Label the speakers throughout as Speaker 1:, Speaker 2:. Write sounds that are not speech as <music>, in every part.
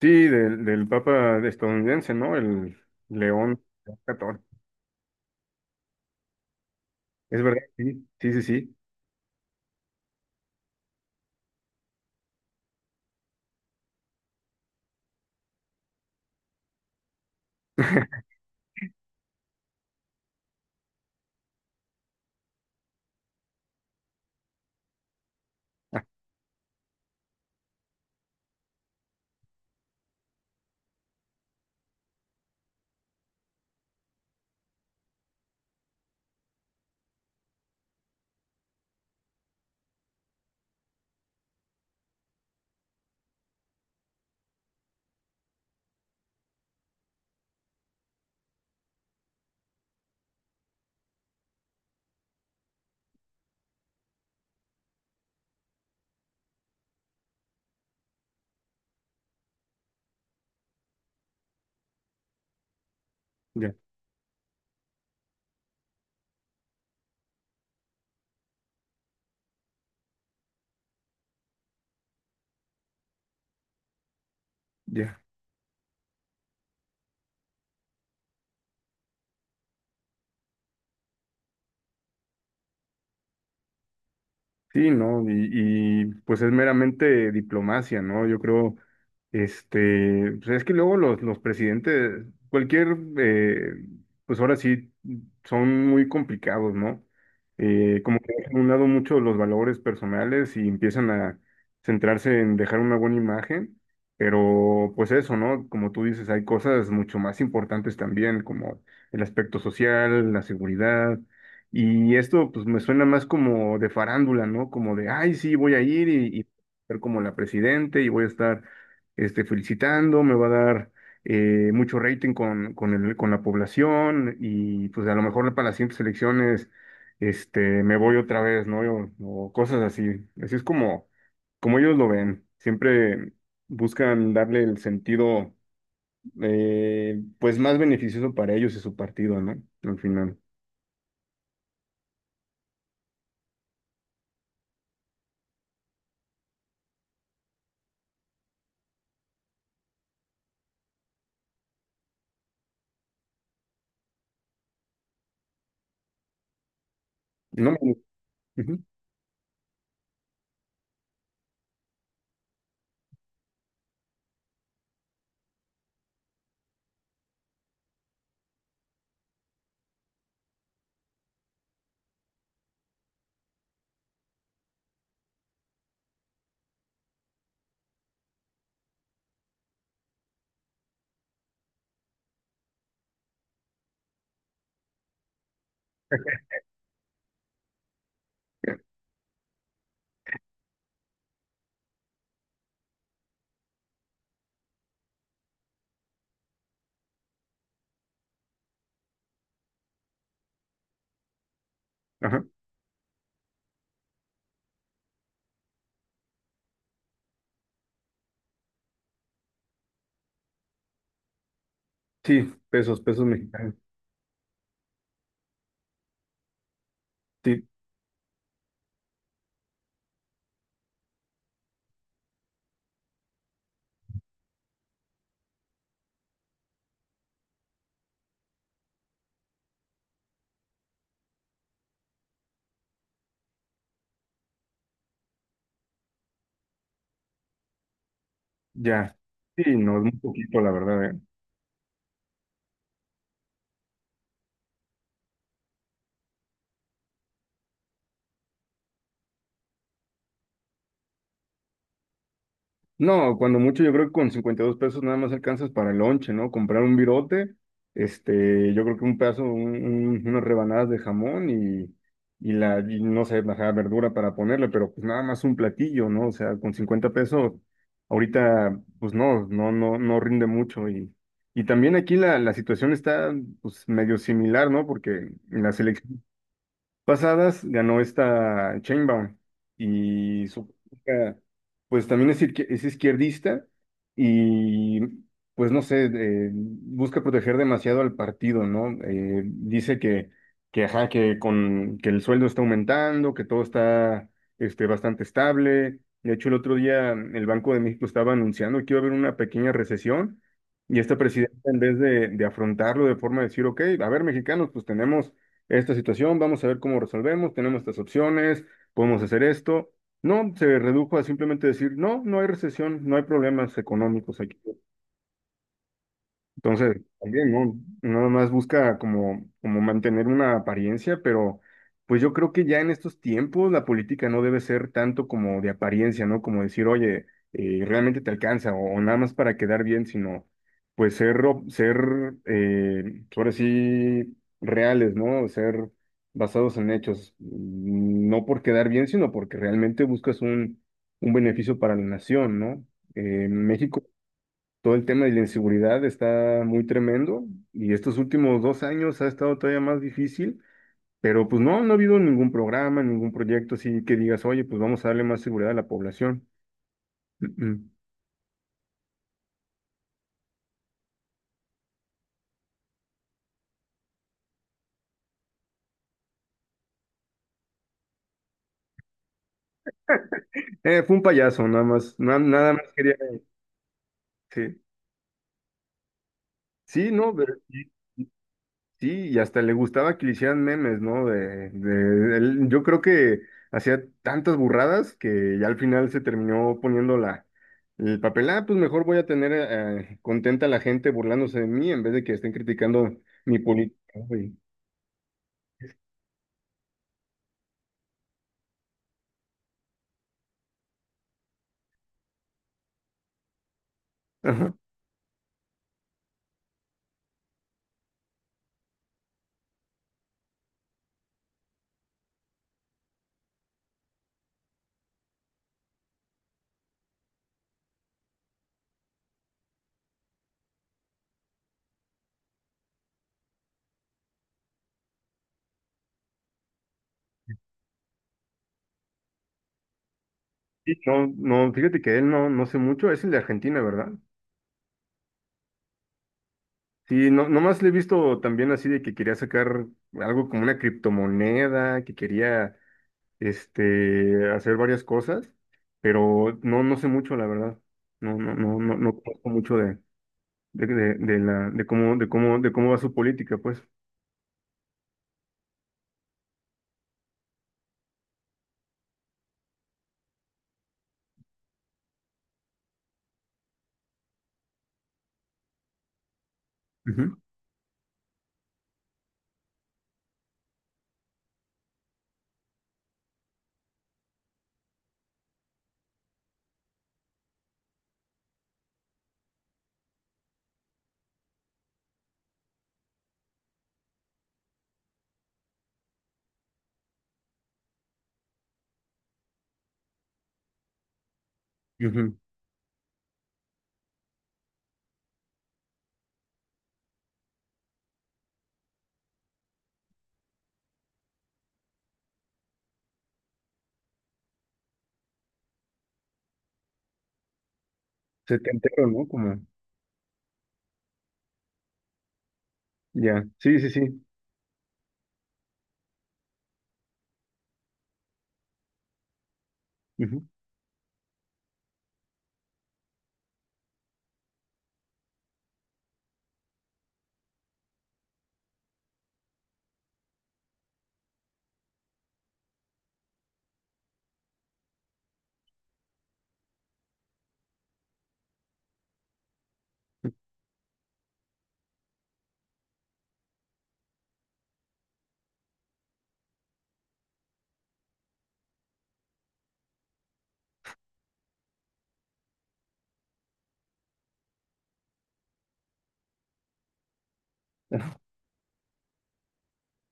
Speaker 1: Sí, del Papa estadounidense, ¿no? El León XIV. Es verdad, sí, sí, sí, sí. <laughs> Ya, ya. Sí, ¿no? Pues es meramente diplomacia, ¿no? Yo creo, pues es que luego los presidentes, cualquier, pues ahora sí, son muy complicados, ¿no? Como que dejan a un lado mucho los valores personales y empiezan a centrarse en dejar una buena imagen, pero pues eso, ¿no? Como tú dices, hay cosas mucho más importantes también, como el aspecto social, la seguridad, y esto pues me suena más como de farándula, ¿no? Como de, ay, sí, voy a ir y ser como la presidente y voy a estar felicitando, me va a dar mucho rating con con la población, y pues a lo mejor para las siguientes elecciones, me voy otra vez, ¿no? O cosas así. Así es como, como ellos lo ven. Siempre buscan darle el sentido, pues más beneficioso para ellos y su partido, ¿no? Al final. No me- Ujú. Ajá. Sí, pesos, pesos mexicanos. Sí, ya. Sí, no es muy poquito, la verdad, ¿eh? No, cuando mucho, yo creo que con 52 pesos nada más alcanzas para el lonche, ¿no? Comprar un virote, yo creo que un pedazo, unas rebanadas de jamón, y y no sé, la verdura para ponerle, pero pues nada más un platillo, ¿no? O sea, con 50 pesos, ahorita, pues no rinde mucho. Y. Y también aquí la situación está pues medio similar, ¿no? Porque la selección pasadas ganó esta Chainbaum y su política, pues también es, es izquierdista, y pues no sé, busca proteger demasiado al partido, ¿no? Dice que, ajá, que el sueldo está aumentando, que todo está bastante estable. De hecho, el otro día el Banco de México estaba anunciando que iba a haber una pequeña recesión, y esta presidenta, en vez de afrontarlo de forma de decir, ok, a ver, mexicanos, pues tenemos esta situación, vamos a ver cómo resolvemos, tenemos estas opciones, podemos hacer esto. No, se redujo a simplemente decir, no, no hay recesión, no hay problemas económicos aquí. Entonces, también, ¿no? Nada más busca como, como mantener una apariencia, pero pues yo creo que ya en estos tiempos la política no debe ser tanto como de apariencia, ¿no? Como decir, oye, realmente te alcanza o nada más para quedar bien, sino pues ser, ser ahora sí, reales, ¿no? Ser basados en hechos, mm, no por quedar bien, sino porque realmente buscas un beneficio para la nación, ¿no? México, todo el tema de la inseguridad está muy tremendo, y estos últimos dos años ha estado todavía más difícil, pero pues no, no ha habido ningún programa, ningún proyecto así que digas, oye, pues vamos a darle más seguridad a la población. Mm, mm. Fue un payaso, nada más, nada más quería decir. Sí, no, pero... Sí, y hasta le gustaba que le hicieran memes, ¿no? Yo creo que hacía tantas burradas que ya al final se terminó poniendo la, el papel, ah, pues mejor voy a tener, contenta a la gente burlándose de mí en vez de que estén criticando mi política, güey. Ajá. Sí, no, no, fíjate que él no, no sé mucho, es el de Argentina, ¿verdad? Sí, no, nomás le he visto también así de que quería sacar algo como una criptomoneda, que quería, hacer varias cosas, pero no, no sé mucho, la verdad. No conozco mucho de de cómo, de cómo va su política, pues. Ujú, ujú. Se te entero, ¿no? Como, ya. Sí, sí, sí. Ujú,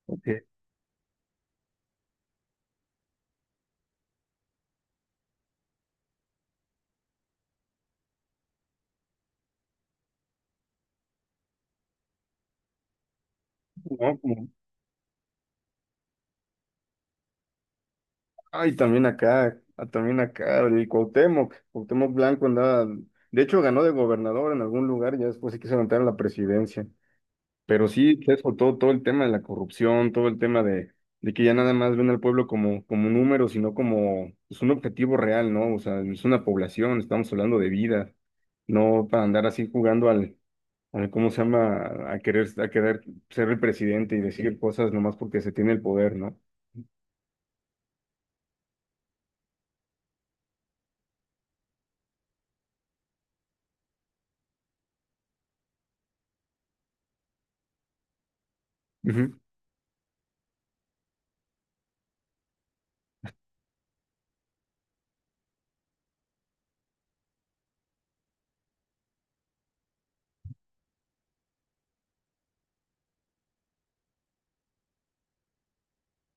Speaker 1: ok. No, como, ay, también acá, ah, también acá, el Cuauhtémoc, Cuauhtémoc Blanco andaba, de hecho ganó de gobernador en algún lugar, ya después se quiso levantar a la presidencia. Pero sí, sí, eso, todo, todo el tema de la corrupción, todo el tema de que ya nada más ven al pueblo como, como un número, sino como pues, un objetivo real, ¿no? O sea, es una población, estamos hablando de vida, no para andar así jugando al, al ¿cómo se llama? A querer ser el presidente y decir cosas nomás porque se tiene el poder, ¿no? Ujú.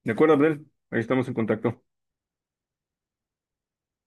Speaker 1: De acuerdo, Abdel, ahí estamos en contacto.